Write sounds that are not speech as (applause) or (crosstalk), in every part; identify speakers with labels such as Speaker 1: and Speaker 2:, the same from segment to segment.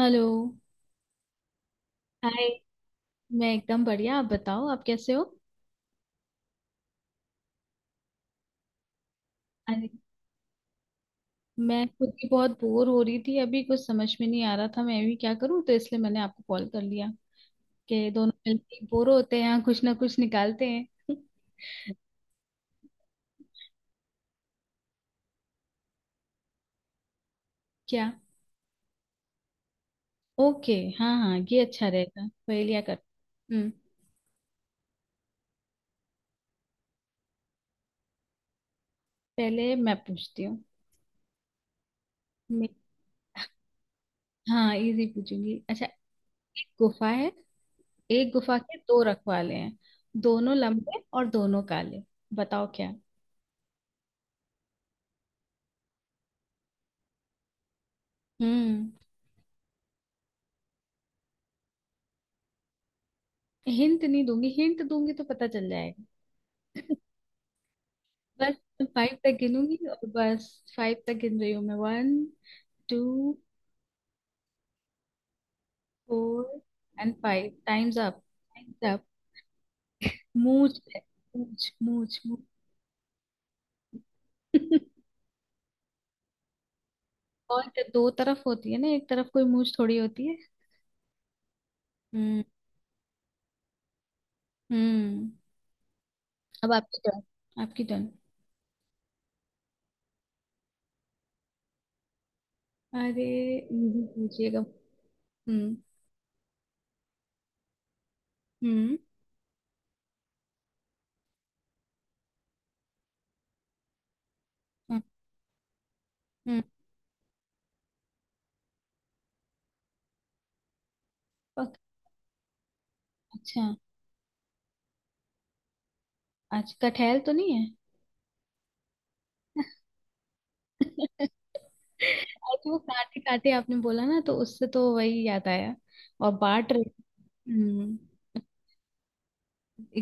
Speaker 1: Hello. Hi. मैं एकदम बढ़िया, आप बताओ आप कैसे हो। अरे, मैं खुद ही बहुत बोर हो रही थी, अभी कुछ समझ में नहीं आ रहा था मैं भी क्या करूं, तो इसलिए मैंने आपको कॉल कर लिया कि दोनों मिलके बोर होते हैं, कुछ ना कुछ निकालते हैं। (laughs) क्या। ओके। हाँ हाँ, ये अच्छा रहेगा, पहेलियाँ कर। हम्म। पहले मैं पूछती हूँ। मैं- हाँ, इजी पूछूंगी। अच्छा, एक गुफा है। एक गुफा के दो रखवाले हैं, दोनों लंबे और दोनों काले। बताओ क्या। हम्म। हिंट नहीं दूंगी, हिंट दूंगी तो पता चल जाएगा। बस फाइव तक गिनूंगी और बस। फाइव तक गिन रही हूँ मैं। One. Two. Four. And five, times up. Times up. मूंछ है। मूंछ मूंछ मूंछ। (laughs) और तो दो तरफ होती है ना, एक तरफ कोई मूंछ थोड़ी होती है। हम्म। हम्म। अब आपकी टर्न आपकी टर्न। अरे, मुझे पूछिएगा। हम्म। हम्म। हम्म। हम्म। पक- अच्छा। अच्छा, कटहल तो नहीं है। और जो कांटे कांटे आपने बोला ना, तो उससे तो वही याद आया। और बाट रही। हम्म।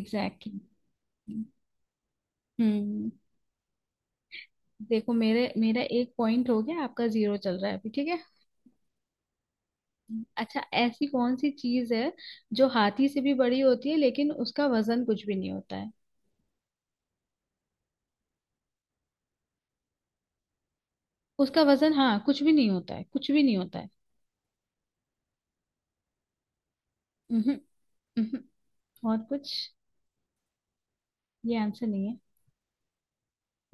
Speaker 1: एग्जैक्टली। हम्म। देखो, मेरे मेरा एक पॉइंट हो गया, आपका जीरो चल रहा है अभी, ठीक है। अच्छा, ऐसी कौन सी चीज है जो हाथी से भी बड़ी होती है लेकिन उसका वजन कुछ भी नहीं होता है। उसका वजन, हाँ, कुछ भी नहीं होता है, कुछ भी नहीं होता है। हम्म। और कुछ? ये आंसर नहीं है।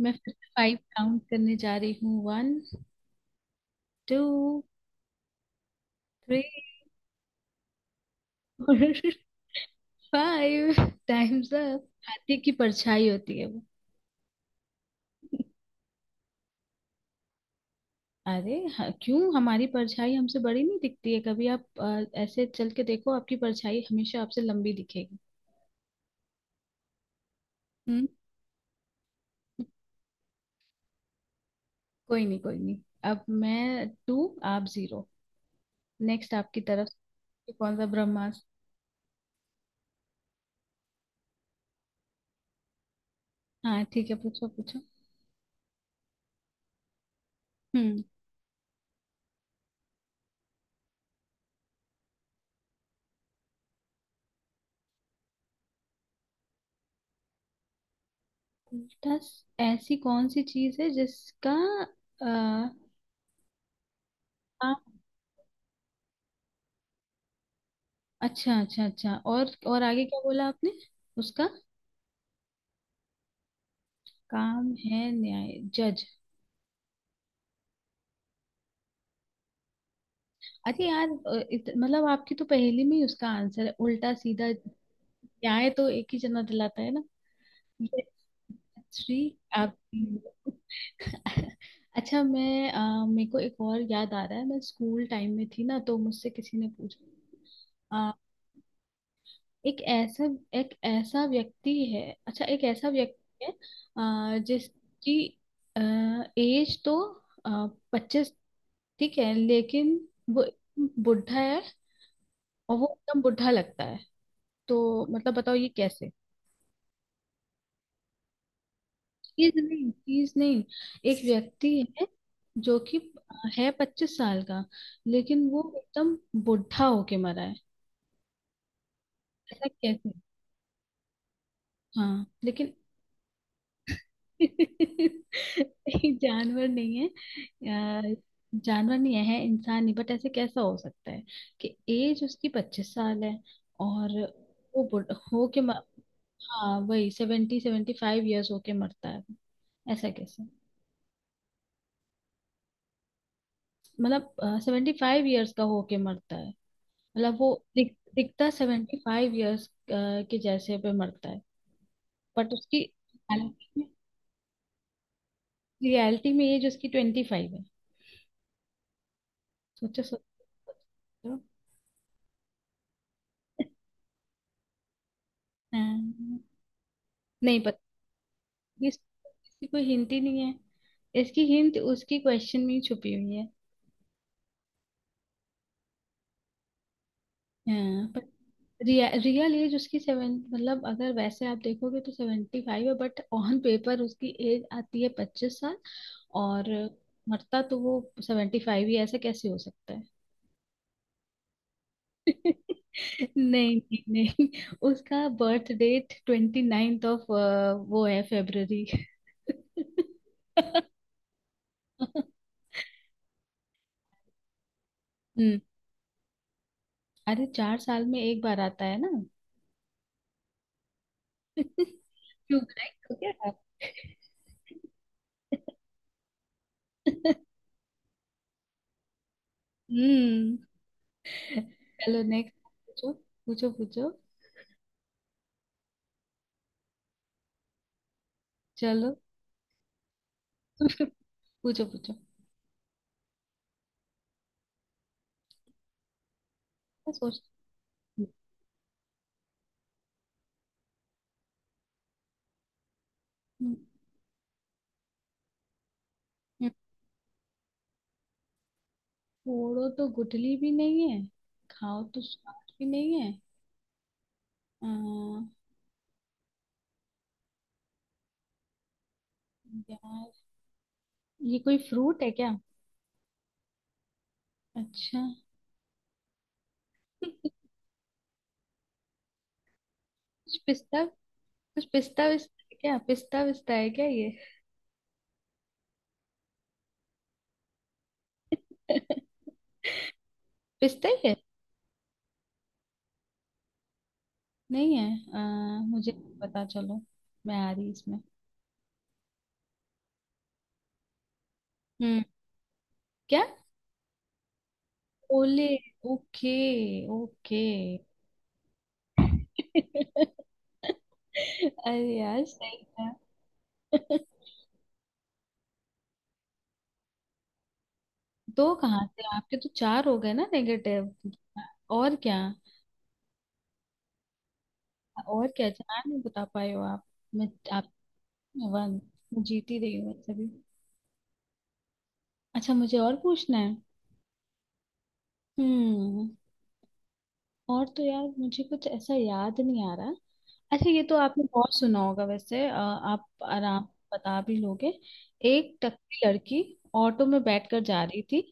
Speaker 1: मैं फिर फाइव काउंट करने जा रही हूँ। वन। टू। थ्री। और फाइव, टाइम्स अप। हाथी की परछाई होती है वो। अरे हाँ, क्यों हमारी परछाई हमसे बड़ी नहीं दिखती है कभी? आप ऐसे चल के देखो, आपकी परछाई हमेशा आपसे लंबी दिखेगी। हम्म। कोई नहीं कोई नहीं। अब मैं टू, आप जीरो। नेक्स्ट आपकी तरफ से कौन सा ब्रह्मास्त्र? हाँ ठीक है, पूछो पूछो। हम्म। ऐसी कौन सी चीज है जिसका आ, अच्छा अच्छा अच्छा, और आगे क्या बोला आपने? उसका काम है न्याय। जज। अरे यार, मतलब आपकी तो पहेली में ही उसका आंसर है, उल्टा सीधा। न्याय तो एक ही जना दिलाता है ना। ये श्री आप। (laughs) अच्छा, मैं मेरे को एक और याद आ रहा है। मैं स्कूल टाइम में थी ना, तो मुझसे किसी ने पूछा एक ऐसा एक ऐसा व्यक्ति है। अच्छा, एक ऐसा व्यक्ति है जिसकी एज तो 25, ठीक है, लेकिन वो एकदम बुढ़ा है और वो एकदम बुढ़ा लगता है। तो मतलब बताओ ये कैसे। चीज नहीं चीज नहीं। एक व्यक्ति है जो कि है 25 साल का, लेकिन वो एकदम बुढ़ा होके मरा है। ऐसा कैसे? हाँ लेकिन (laughs) नहीं, जानवर नहीं है। अ, जानवर नहीं है, इंसान नहीं, बट ऐसे कैसा हो सकता है कि एज उसकी 25 साल है और वो बुढ़ हो के, हाँ, वही सेवेंटी सेवेंटी फाइव ईयर्स होके मरता है। ऐसा कैसे? मतलब 75 ईयर्स का होके मरता है। मतलब वो दिखता 75 ईयर्स के जैसे पे मरता है। बट उसकी रियलिटी में एज उसकी 25 है। सोचो सोचो। हाँ, नहीं पता। इसकी कोई हिंट ही नहीं है, इसकी हिंट उसकी क्वेश्चन में ही छुपी हुई है। हाँ पर रियल एज उसकी सेवन मतलब, अगर वैसे आप देखोगे तो 75 है, बट ऑन पेपर उसकी एज आती है 25 साल और मरता तो वो 75 ही है। ऐसा कैसे हो सकता है? (laughs) नहीं नहीं नहीं। उसका बर्थ डेट 29 ऑफ, वो है, फेब्रवरी। (laughs) हम्म। अरे, 4 साल में एक बार आता है ना। (laughs) क्यों बनाई हो क्या आप? (laughs) हम्म। चलो नेक्स्ट, पूछो पूछो पूछो। चलो। (laughs) पूछो पूछो। मैं सोच। हम्म, फोड़ो तो गुठली भी नहीं है, खाओ तो स्वाद भी नहीं है। अम, यार, ये कोई फ्रूट है क्या? अच्छा। (laughs) कुछ पिस्ता कुछ पिस्ता विस्ता है क्या, पिस्ता विस्ता है क्या ये? (laughs) पिस्ता ही है। नहीं है अ, मुझे नहीं पता। चलो, मैं आ रही इसमें। हम्म। क्या। ओले। Okay okay. (laughs) अरे यार सही है। (laughs) दो कहाँ से? आपके तो चार हो गए ना नेगेटिव। और क्या? और क्या, चार नहीं बता पाए हो आप? मैं, आप, मैं वन। मैं जीत ही रही हूँ वैसे भी। अच्छा, मुझे और पूछना है। हम्म। और तो यार, मुझे कुछ ऐसा याद नहीं आ रहा। अच्छा, ये तो आपने बहुत सुना होगा वैसे, आप आराम से बता भी लोगे। एक टकली लड़की ऑटो में बैठकर जा रही थी,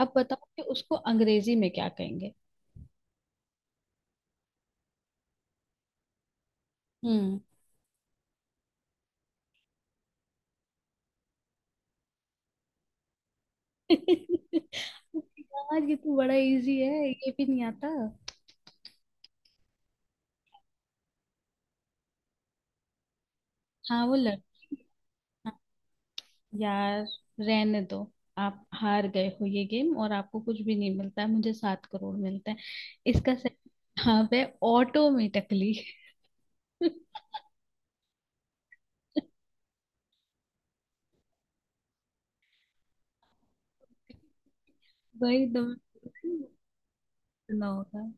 Speaker 1: अब बताओ कि उसको अंग्रेजी में क्या कहेंगे। हम्म। (laughs) यार, ये तो बड़ा इजी है, ये भी नहीं आता। हाँ, वो लड़ यार रहने दो। आप हार गए हो ये गेम, और आपको कुछ भी नहीं मिलता है, मुझे 7 करोड़ मिलता है इसका। सही। हाँ, है ऑटोमेटिकली। (laughs) वही तो। ना होगा।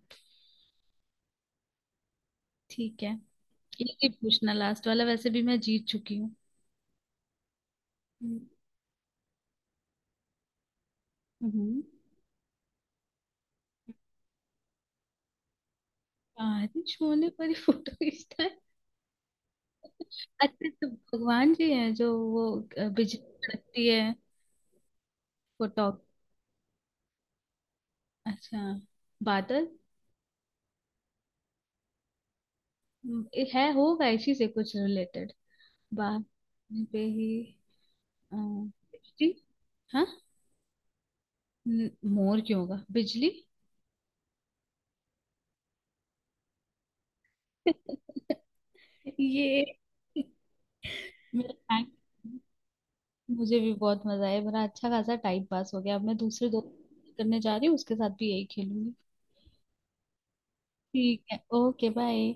Speaker 1: ठीक है, एक ही पूछना लास्ट वाला, वैसे भी मैं जीत चुकी हूँ। हम्म। हम्म। बारिश होने पर ही फोटो खींचता है? अच्छा तो भगवान जी हैं जो वो, बिजली कड़कती है वो, टॉप। अच्छा, बादल। है होगा इसी से कुछ रिलेटेड, बादल पे ही बिजली। हाँ। न- मोर क्यों होगा, बिजली। (laughs) ये। मेरा thank- मुझे भी बहुत मजा आया, मेरा अच्छा खासा टाइम पास हो गया। अब मैं दूसरे दो करने जा रही हूँ, उसके साथ भी यही खेलूंगी। ठीक है, ओके बाय।